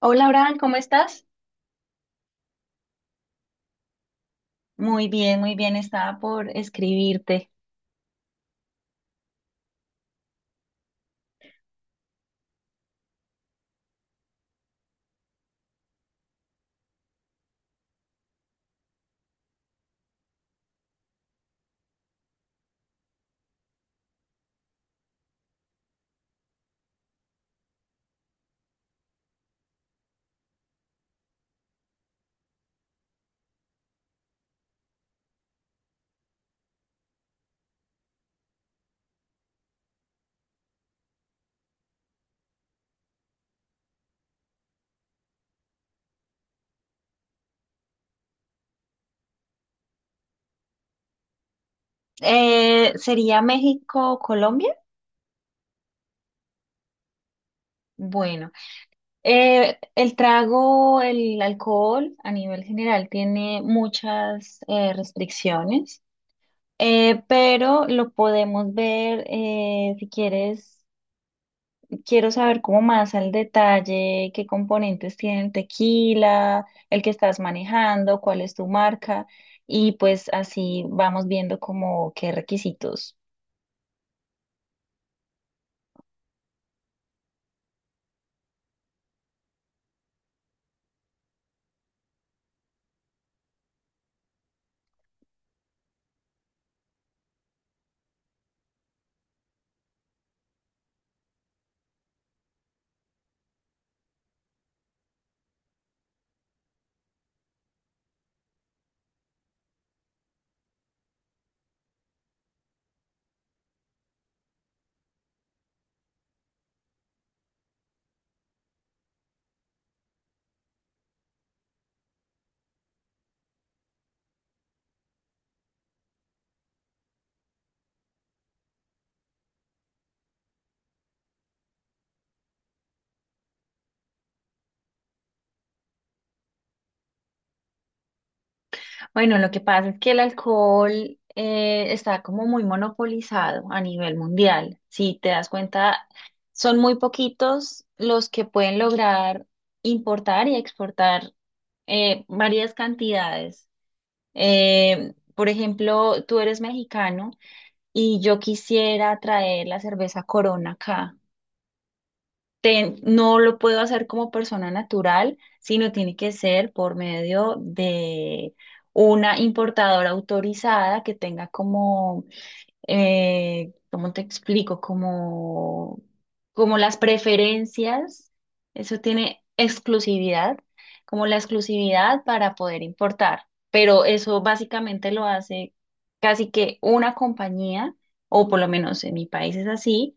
Hola, Abraham, ¿cómo estás? Muy bien, estaba por escribirte. ¿Sería México o Colombia? Bueno, el trago, el alcohol a nivel general tiene muchas restricciones, pero lo podemos ver si quieres. Quiero saber como más al detalle qué componentes tiene el tequila, el que estás manejando, cuál es tu marca y pues así vamos viendo como qué requisitos. Bueno, lo que pasa es que el alcohol está como muy monopolizado a nivel mundial. Si te das cuenta, son muy poquitos los que pueden lograr importar y exportar varias cantidades. Por ejemplo, tú eres mexicano y yo quisiera traer la cerveza Corona acá. No lo puedo hacer como persona natural, sino tiene que ser por medio de una importadora autorizada que tenga como ¿cómo te explico? Como, como las preferencias, eso tiene exclusividad, como la exclusividad para poder importar, pero eso básicamente lo hace casi que una compañía, o por lo menos en mi país es así,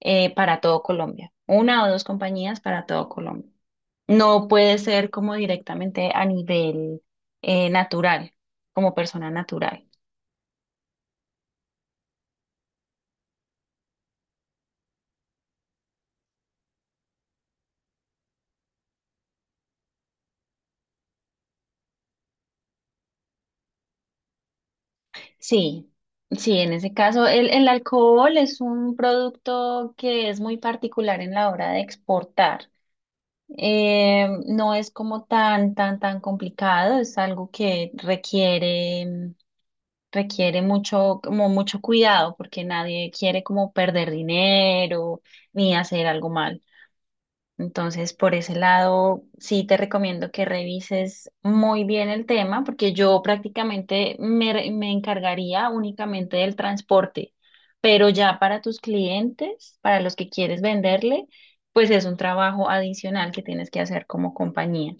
para todo Colombia, una o dos compañías para todo Colombia. No puede ser como directamente a nivel natural, como persona natural. Sí, sí, en ese caso el alcohol es un producto que es muy particular en la hora de exportar. No es como tan, tan, tan complicado, es algo que requiere, mucho, como mucho cuidado porque nadie quiere como perder dinero ni hacer algo malo. Entonces, por ese lado, sí te recomiendo que revises muy bien el tema, porque yo prácticamente me encargaría únicamente del transporte, pero ya para tus clientes, para los que quieres venderle, pues es un trabajo adicional que tienes que hacer como compañía.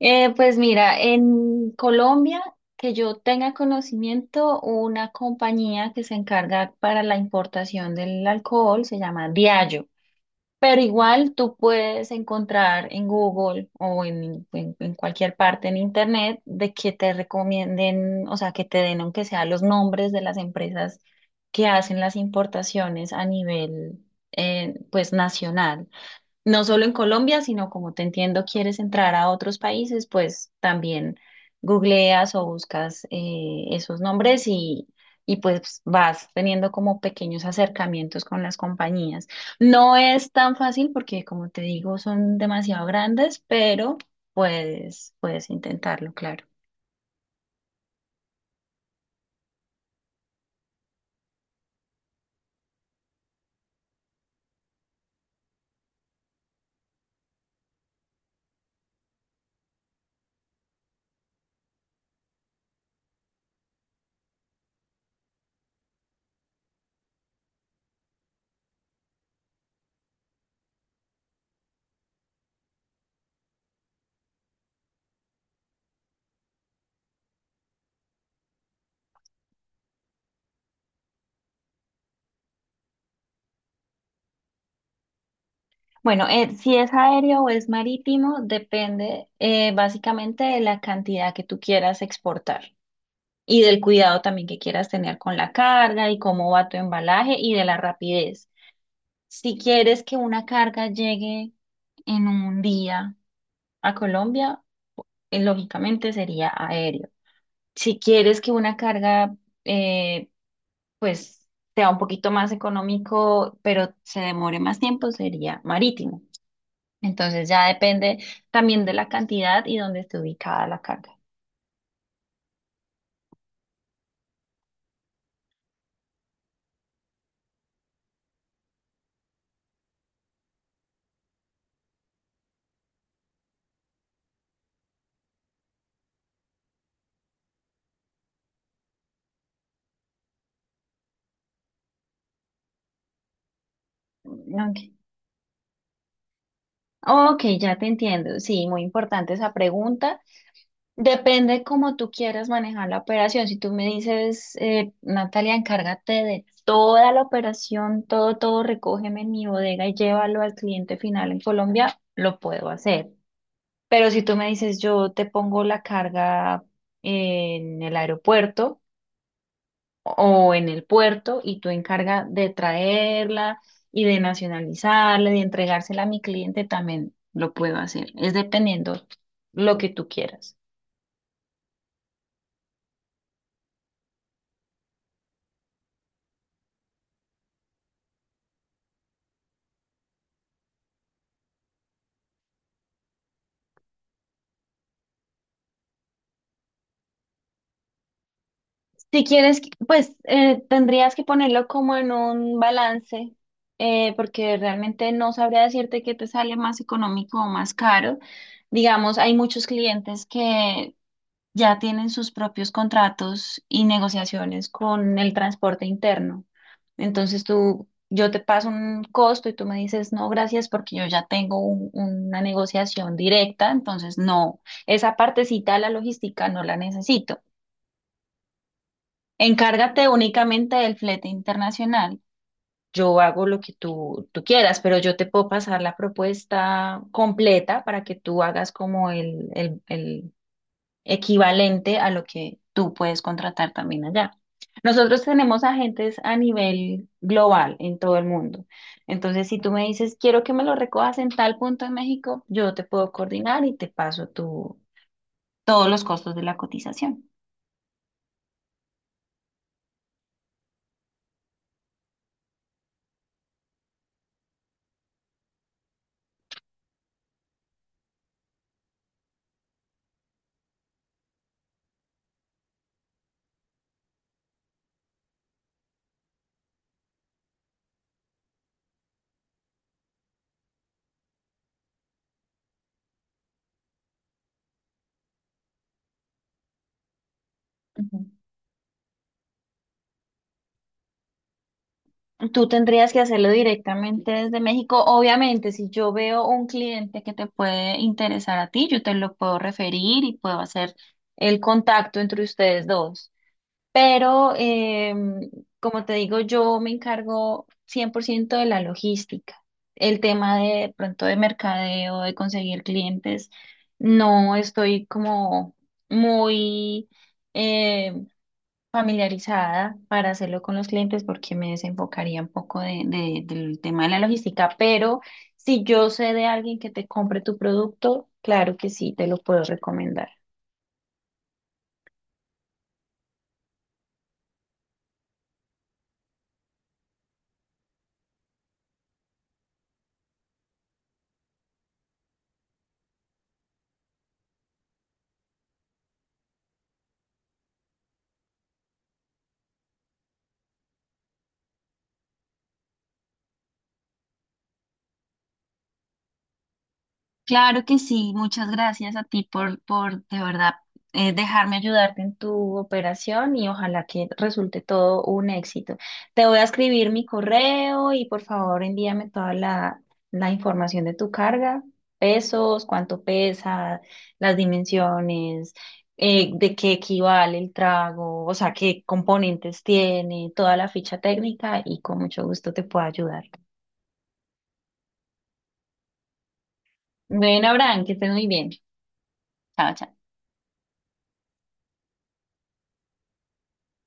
Pues mira, en Colombia, que yo tenga conocimiento, una compañía que se encarga para la importación del alcohol se llama Diageo. Pero igual tú puedes encontrar en Google o en cualquier parte en Internet de que te recomienden, o sea, que te den aunque sea los nombres de las empresas que hacen las importaciones a nivel, pues, nacional, no solo en Colombia, sino como te entiendo, quieres entrar a otros países, pues también googleas o buscas esos nombres y pues vas teniendo como pequeños acercamientos con las compañías. No es tan fácil porque, como te digo, son demasiado grandes, pero puedes intentarlo, claro. Bueno, si es aéreo o es marítimo, depende básicamente de la cantidad que tú quieras exportar, y del cuidado también que quieras tener con la carga y cómo va tu embalaje y de la rapidez. Si quieres que una carga llegue en un día a Colombia, lógicamente sería aéreo. Si quieres que una carga, eh, pues, sea un poquito más económico, pero se demore más tiempo, sería marítimo. Entonces ya depende también de la cantidad y dónde esté ubicada la carga. Ok, ok, ya te entiendo. Sí, muy importante esa pregunta. Depende cómo tú quieras manejar la operación. Si tú me dices, Natalia, encárgate de toda la operación, todo, todo, recógeme en mi bodega y llévalo al cliente final en Colombia, lo puedo hacer. Pero si tú me dices, yo te pongo la carga en el aeropuerto o en el puerto y tú encarga de traerla y de nacionalizarla, de entregársela a mi cliente, también lo puedo hacer. Es dependiendo lo que tú quieras. Si quieres, pues tendrías que ponerlo como en un balance, porque realmente no sabría decirte qué te sale más económico o más caro. Digamos, hay muchos clientes que ya tienen sus propios contratos y negociaciones con el transporte interno. Entonces tú, yo te paso un costo y tú me dices, no, gracias, porque yo ya tengo una negociación directa, entonces no, esa partecita de la logística no la necesito. Encárgate únicamente del flete internacional. Yo hago lo que tú quieras, pero yo te puedo pasar la propuesta completa para que tú hagas como el, el equivalente a lo que tú puedes contratar también allá. Nosotros tenemos agentes a nivel global en todo el mundo. Entonces, si tú me dices, quiero que me lo recojas en tal punto en México, yo te puedo coordinar y te paso todos los costos de la cotización. Ujú. Tú tendrías que hacerlo directamente desde México. Obviamente, si yo veo un cliente que te puede interesar a ti, yo te lo puedo referir y puedo hacer el contacto entre ustedes dos. Pero, como te digo, yo me encargo 100% de la logística. El tema de pronto de mercadeo, de conseguir clientes, no estoy como muy eh, familiarizada para hacerlo con los clientes porque me desenfocaría un poco de, del tema de la logística, pero si yo sé de alguien que te compre tu producto, claro que sí, te lo puedo recomendar. Claro que sí, muchas gracias a ti por de verdad dejarme ayudarte en tu operación y ojalá que resulte todo un éxito. Te voy a escribir mi correo y por favor envíame toda la información de tu carga, pesos, cuánto pesa, las dimensiones, de qué equivale el trago, o sea, qué componentes tiene, toda la ficha técnica y con mucho gusto te puedo ayudar. Bueno, Abraham, que estés muy bien. Chao, chao.